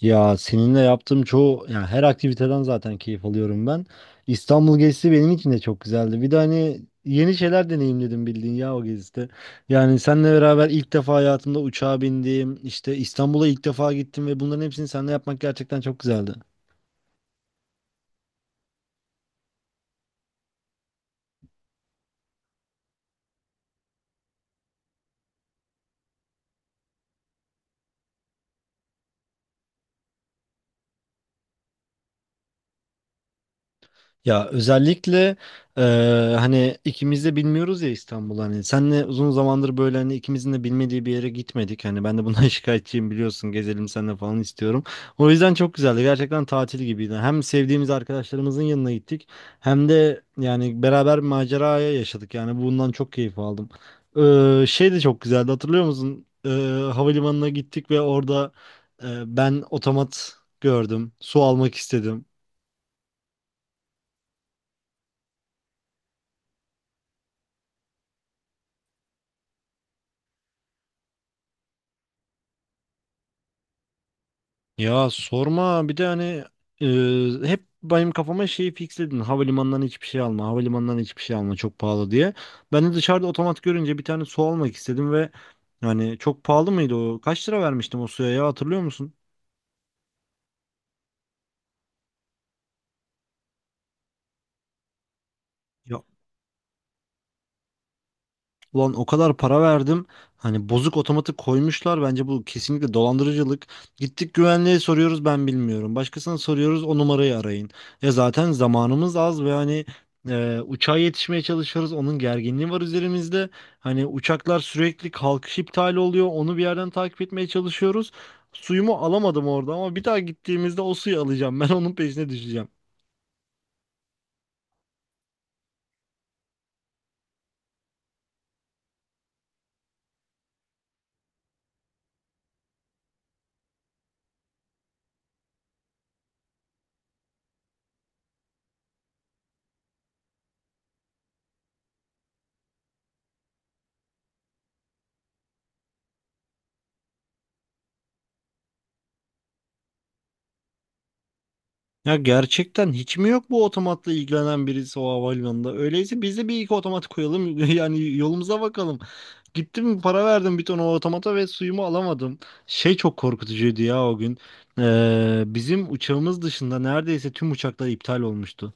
Ya seninle yaptığım çoğu her aktiviteden zaten keyif alıyorum ben. İstanbul gezisi benim için de çok güzeldi. Bir de hani yeni şeyler deneyimledim bildiğin ya o gezide. Yani seninle beraber ilk defa hayatımda uçağa bindim. İşte İstanbul'a ilk defa gittim ve bunların hepsini seninle yapmak gerçekten çok güzeldi. Ya özellikle e, hani ikimiz de bilmiyoruz ya İstanbul, hani senle uzun zamandır böyle hani ikimizin de bilmediği bir yere gitmedik. Hani ben de bundan şikayetçiyim, biliyorsun, gezelim seninle falan istiyorum. O yüzden çok güzeldi, gerçekten tatil gibiydi. Hem sevdiğimiz arkadaşlarımızın yanına gittik, hem de yani beraber bir maceraya yaşadık, yani bundan çok keyif aldım. Şey de çok güzeldi, hatırlıyor musun? Havalimanına gittik ve orada ben otomat gördüm, su almak istedim. Ya sorma, bir de hani hep benim kafama şeyi fixledin. Havalimanından hiçbir şey alma, havalimanından hiçbir şey alma çok pahalı diye. Ben de dışarıda otomat görünce bir tane su almak istedim ve yani çok pahalı mıydı o? Kaç lira vermiştim o suya ya, hatırlıyor musun? Ya. Ulan o kadar para verdim. Hani bozuk otomatik koymuşlar. Bence bu kesinlikle dolandırıcılık. Gittik güvenliğe soruyoruz, ben bilmiyorum. Başkasına soruyoruz, o numarayı arayın. Ya zaten zamanımız az ve hani uçağa yetişmeye çalışıyoruz. Onun gerginliği var üzerimizde. Hani uçaklar sürekli kalkış iptali oluyor. Onu bir yerden takip etmeye çalışıyoruz. Suyumu alamadım orada ama bir daha gittiğimizde o suyu alacağım. Ben onun peşine düşeceğim. Ya gerçekten hiç mi yok bu otomatla ilgilenen birisi o havalimanında? Öyleyse biz de bir iki otomat koyalım. Yani yolumuza bakalım. Gittim, para verdim bir ton o otomata ve suyumu alamadım. Şey çok korkutucuydu ya o gün. Bizim uçağımız dışında neredeyse tüm uçaklar iptal olmuştu.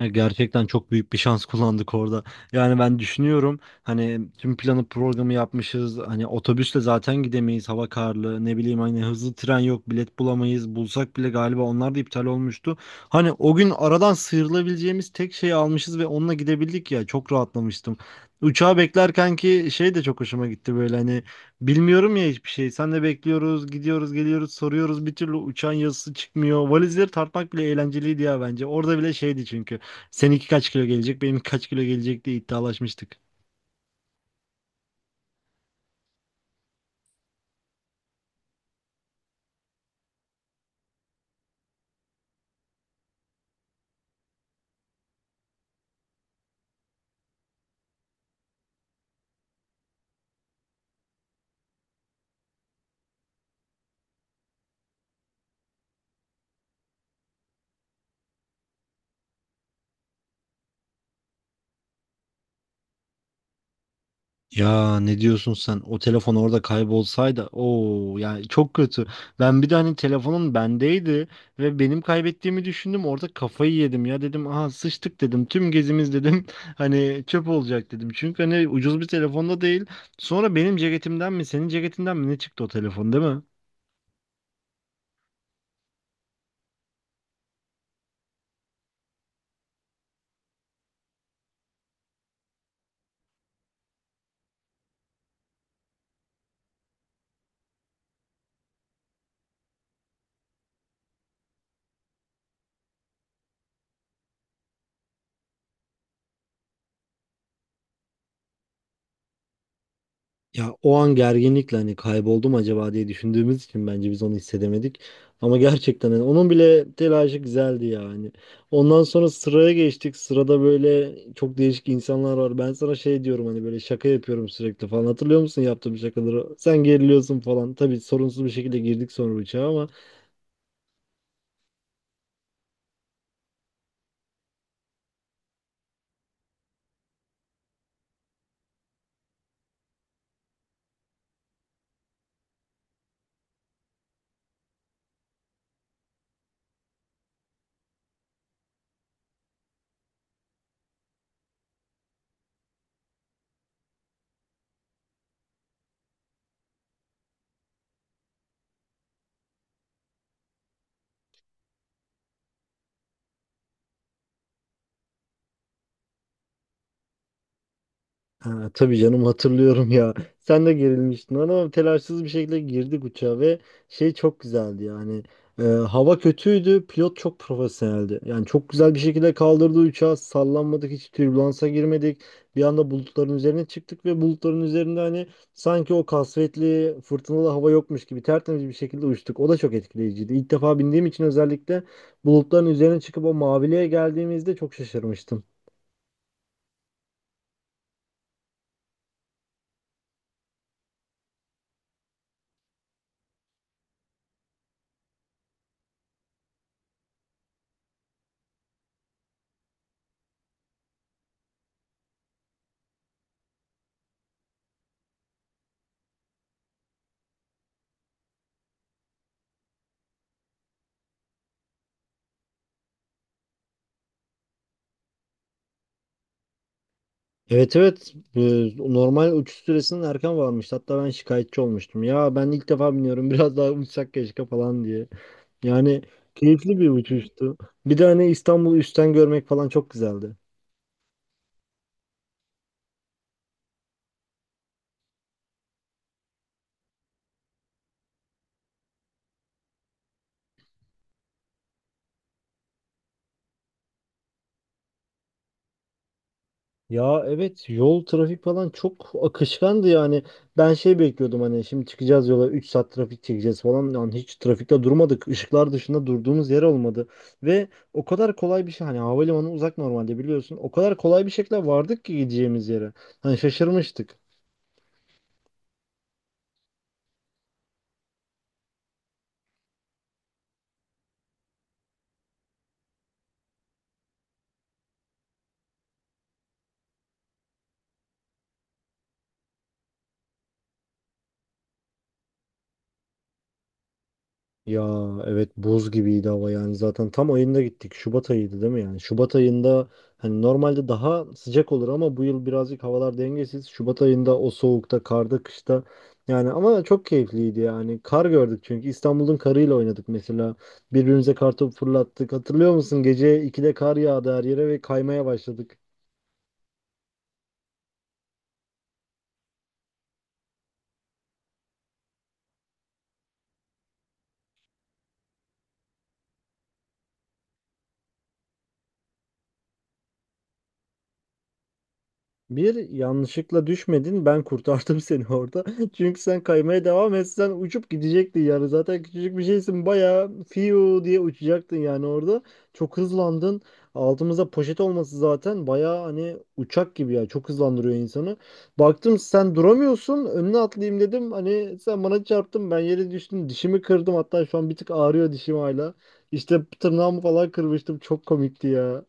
Ya gerçekten çok büyük bir şans kullandık orada. Yani ben düşünüyorum, hani tüm planı programı yapmışız. Hani otobüsle zaten gidemeyiz. Hava karlı. Ne bileyim, hani hızlı tren yok. Bilet bulamayız. Bulsak bile galiba onlar da iptal olmuştu. Hani o gün aradan sıyrılabileceğimiz tek şeyi almışız ve onunla gidebildik ya. Çok rahatlamıştım. Uçağı beklerken ki şey de çok hoşuma gitti, böyle hani bilmiyorum ya hiçbir şey. Sen de bekliyoruz, gidiyoruz, geliyoruz, soruyoruz. Bir türlü uçağın yazısı çıkmıyor. Valizleri tartmak bile eğlenceliydi ya bence. Orada bile şeydi çünkü. Seninki kaç kilo gelecek, benim kaç kilo gelecek diye iddialaşmıştık. Ya ne diyorsun sen? O telefon orada kaybolsaydı, o yani çok kötü. Ben bir de hani telefonun bendeydi ve benim kaybettiğimi düşündüm. Orada kafayı yedim ya, dedim. Aha sıçtık dedim. Tüm gezimiz dedim. Hani çöp olacak dedim. Çünkü hani ucuz bir telefonda değil. Sonra benim ceketimden mi, senin ceketinden mi ne çıktı o telefon, değil mi? Ya o an gerginlikle hani kayboldum acaba diye düşündüğümüz için bence biz onu hissedemedik. Ama gerçekten hani onun bile telaşı güzeldi yani. Ondan sonra sıraya geçtik. Sırada böyle çok değişik insanlar var. Ben sana şey diyorum, hani böyle şaka yapıyorum sürekli falan. Hatırlıyor musun yaptığım şakaları? Sen geriliyorsun falan. Tabii sorunsuz bir şekilde girdik sonra uçağa ama ha, tabii canım, hatırlıyorum ya. Sen de gerilmiştin ama telaşsız bir şekilde girdik uçağa ve şey çok güzeldi yani. Hava kötüydü, pilot çok profesyoneldi. Yani çok güzel bir şekilde kaldırdı uçağı, sallanmadık, hiç türbülansa girmedik. Bir anda bulutların üzerine çıktık ve bulutların üzerinde hani sanki o kasvetli, fırtınalı hava yokmuş gibi tertemiz bir şekilde uçtuk. O da çok etkileyiciydi. İlk defa bindiğim için özellikle bulutların üzerine çıkıp o maviliğe geldiğimizde çok şaşırmıştım. Evet, evet. Normal uçuş süresinin erken varmış. Hatta ben şikayetçi olmuştum. Ya ben ilk defa biniyorum, biraz daha uçsak keşke falan diye. Yani keyifli bir uçuştu. Bir de hani İstanbul'u üstten görmek falan çok güzeldi. Ya evet, yol trafik falan çok akışkandı yani. Ben şey bekliyordum, hani şimdi çıkacağız yola 3 saat trafik çekeceğiz falan. Yani hiç trafikte durmadık. Işıklar dışında durduğumuz yer olmadı. Ve o kadar kolay bir şey, hani havalimanı uzak normalde, biliyorsun. O kadar kolay bir şekilde vardık ki gideceğimiz yere. Hani şaşırmıştık. Ya evet buz gibiydi hava, yani zaten tam ayında gittik. Şubat ayıydı değil mi yani? Şubat ayında hani normalde daha sıcak olur ama bu yıl birazcık havalar dengesiz. Şubat ayında o soğukta, karda, kışta, yani ama çok keyifliydi yani. Kar gördük çünkü, İstanbul'un karıyla oynadık mesela. Birbirimize kartopu fırlattık. Hatırlıyor musun? Gece 2'de kar yağdı her yere ve kaymaya başladık. Bir yanlışlıkla düşmedin. Ben kurtardım seni orada. Çünkü sen kaymaya devam etsen uçup gidecektin yani. Zaten küçücük bir şeysin. Bayağı fiu diye uçacaktın yani orada. Çok hızlandın. Altımızda poşet olması zaten bayağı hani uçak gibi ya. Çok hızlandırıyor insanı. Baktım sen duramıyorsun. Önüne atlayayım dedim. Hani sen bana çarptın. Ben yere düştüm. Dişimi kırdım. Hatta şu an bir tık ağrıyor dişim hala. İşte tırnağımı falan kırmıştım. Çok komikti ya.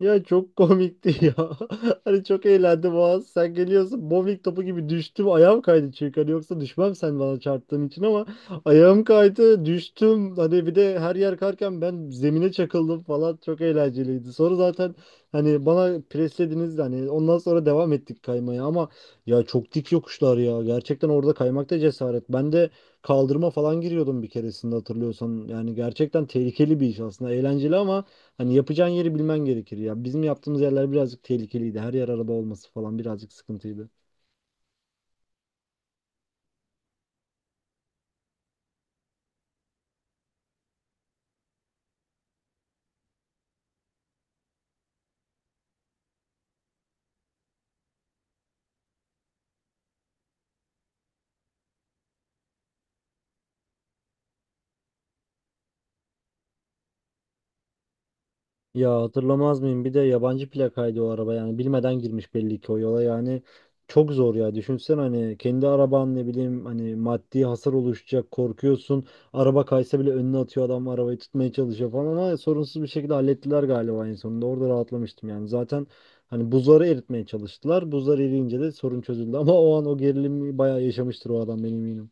Ya çok komikti ya. Hani çok eğlendim o an. Sen geliyorsun bowling topu gibi düştüm. Ayağım kaydı çünkü. Hani yoksa düşmem sen bana çarptığın için ama ayağım kaydı, düştüm. Hani bir de her yer karken ben zemine çakıldım falan. Çok eğlenceliydi. Sonra zaten hani bana preslediniz de hani ondan sonra devam ettik kaymaya ama ya çok dik yokuşlar ya. Gerçekten orada kaymakta cesaret. Ben de kaldırıma falan giriyordum bir keresinde, hatırlıyorsan. Yani gerçekten tehlikeli bir iş aslında. Eğlenceli ama hani yapacağın yeri bilmen gerekir ya. Bizim yaptığımız yerler birazcık tehlikeliydi. Her yer araba olması falan birazcık sıkıntıydı. Ya hatırlamaz mıyım? Bir de yabancı plakaydı o araba yani. Bilmeden girmiş belli ki o yola yani. Çok zor ya. Düşünsen hani kendi araban, ne bileyim hani maddi hasar oluşacak, korkuyorsun. Araba kaysa bile önüne atıyor adam, arabayı tutmaya çalışıyor falan ama sorunsuz bir şekilde hallettiler galiba en sonunda. Orada rahatlamıştım yani. Zaten hani buzları eritmeye çalıştılar. Buzlar eriyince de sorun çözüldü ama o an o gerilimi bayağı yaşamıştır o adam, benim eminim.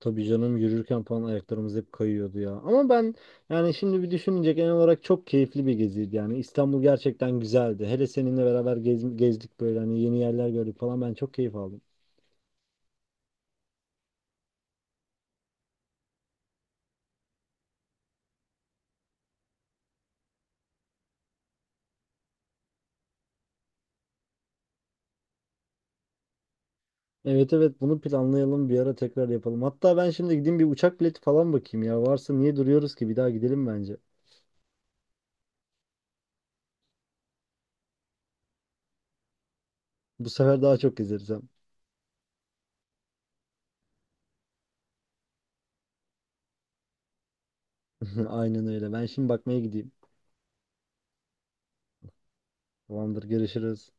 Tabii canım, yürürken falan ayaklarımız hep kayıyordu ya. Ama ben yani şimdi bir düşününce genel olarak çok keyifli bir geziydi yani. İstanbul gerçekten güzeldi. Hele seninle beraber gezdik böyle hani, yeni yerler gördük falan, ben çok keyif aldım. Evet, evet, bunu planlayalım bir ara, tekrar yapalım. Hatta ben şimdi gideyim bir uçak bileti falan bakayım ya. Varsa niye duruyoruz ki, bir daha gidelim bence. Bu sefer daha çok gezeriz hem. Aynen öyle. Ben şimdi bakmaya gideyim. Tamamdır, görüşürüz.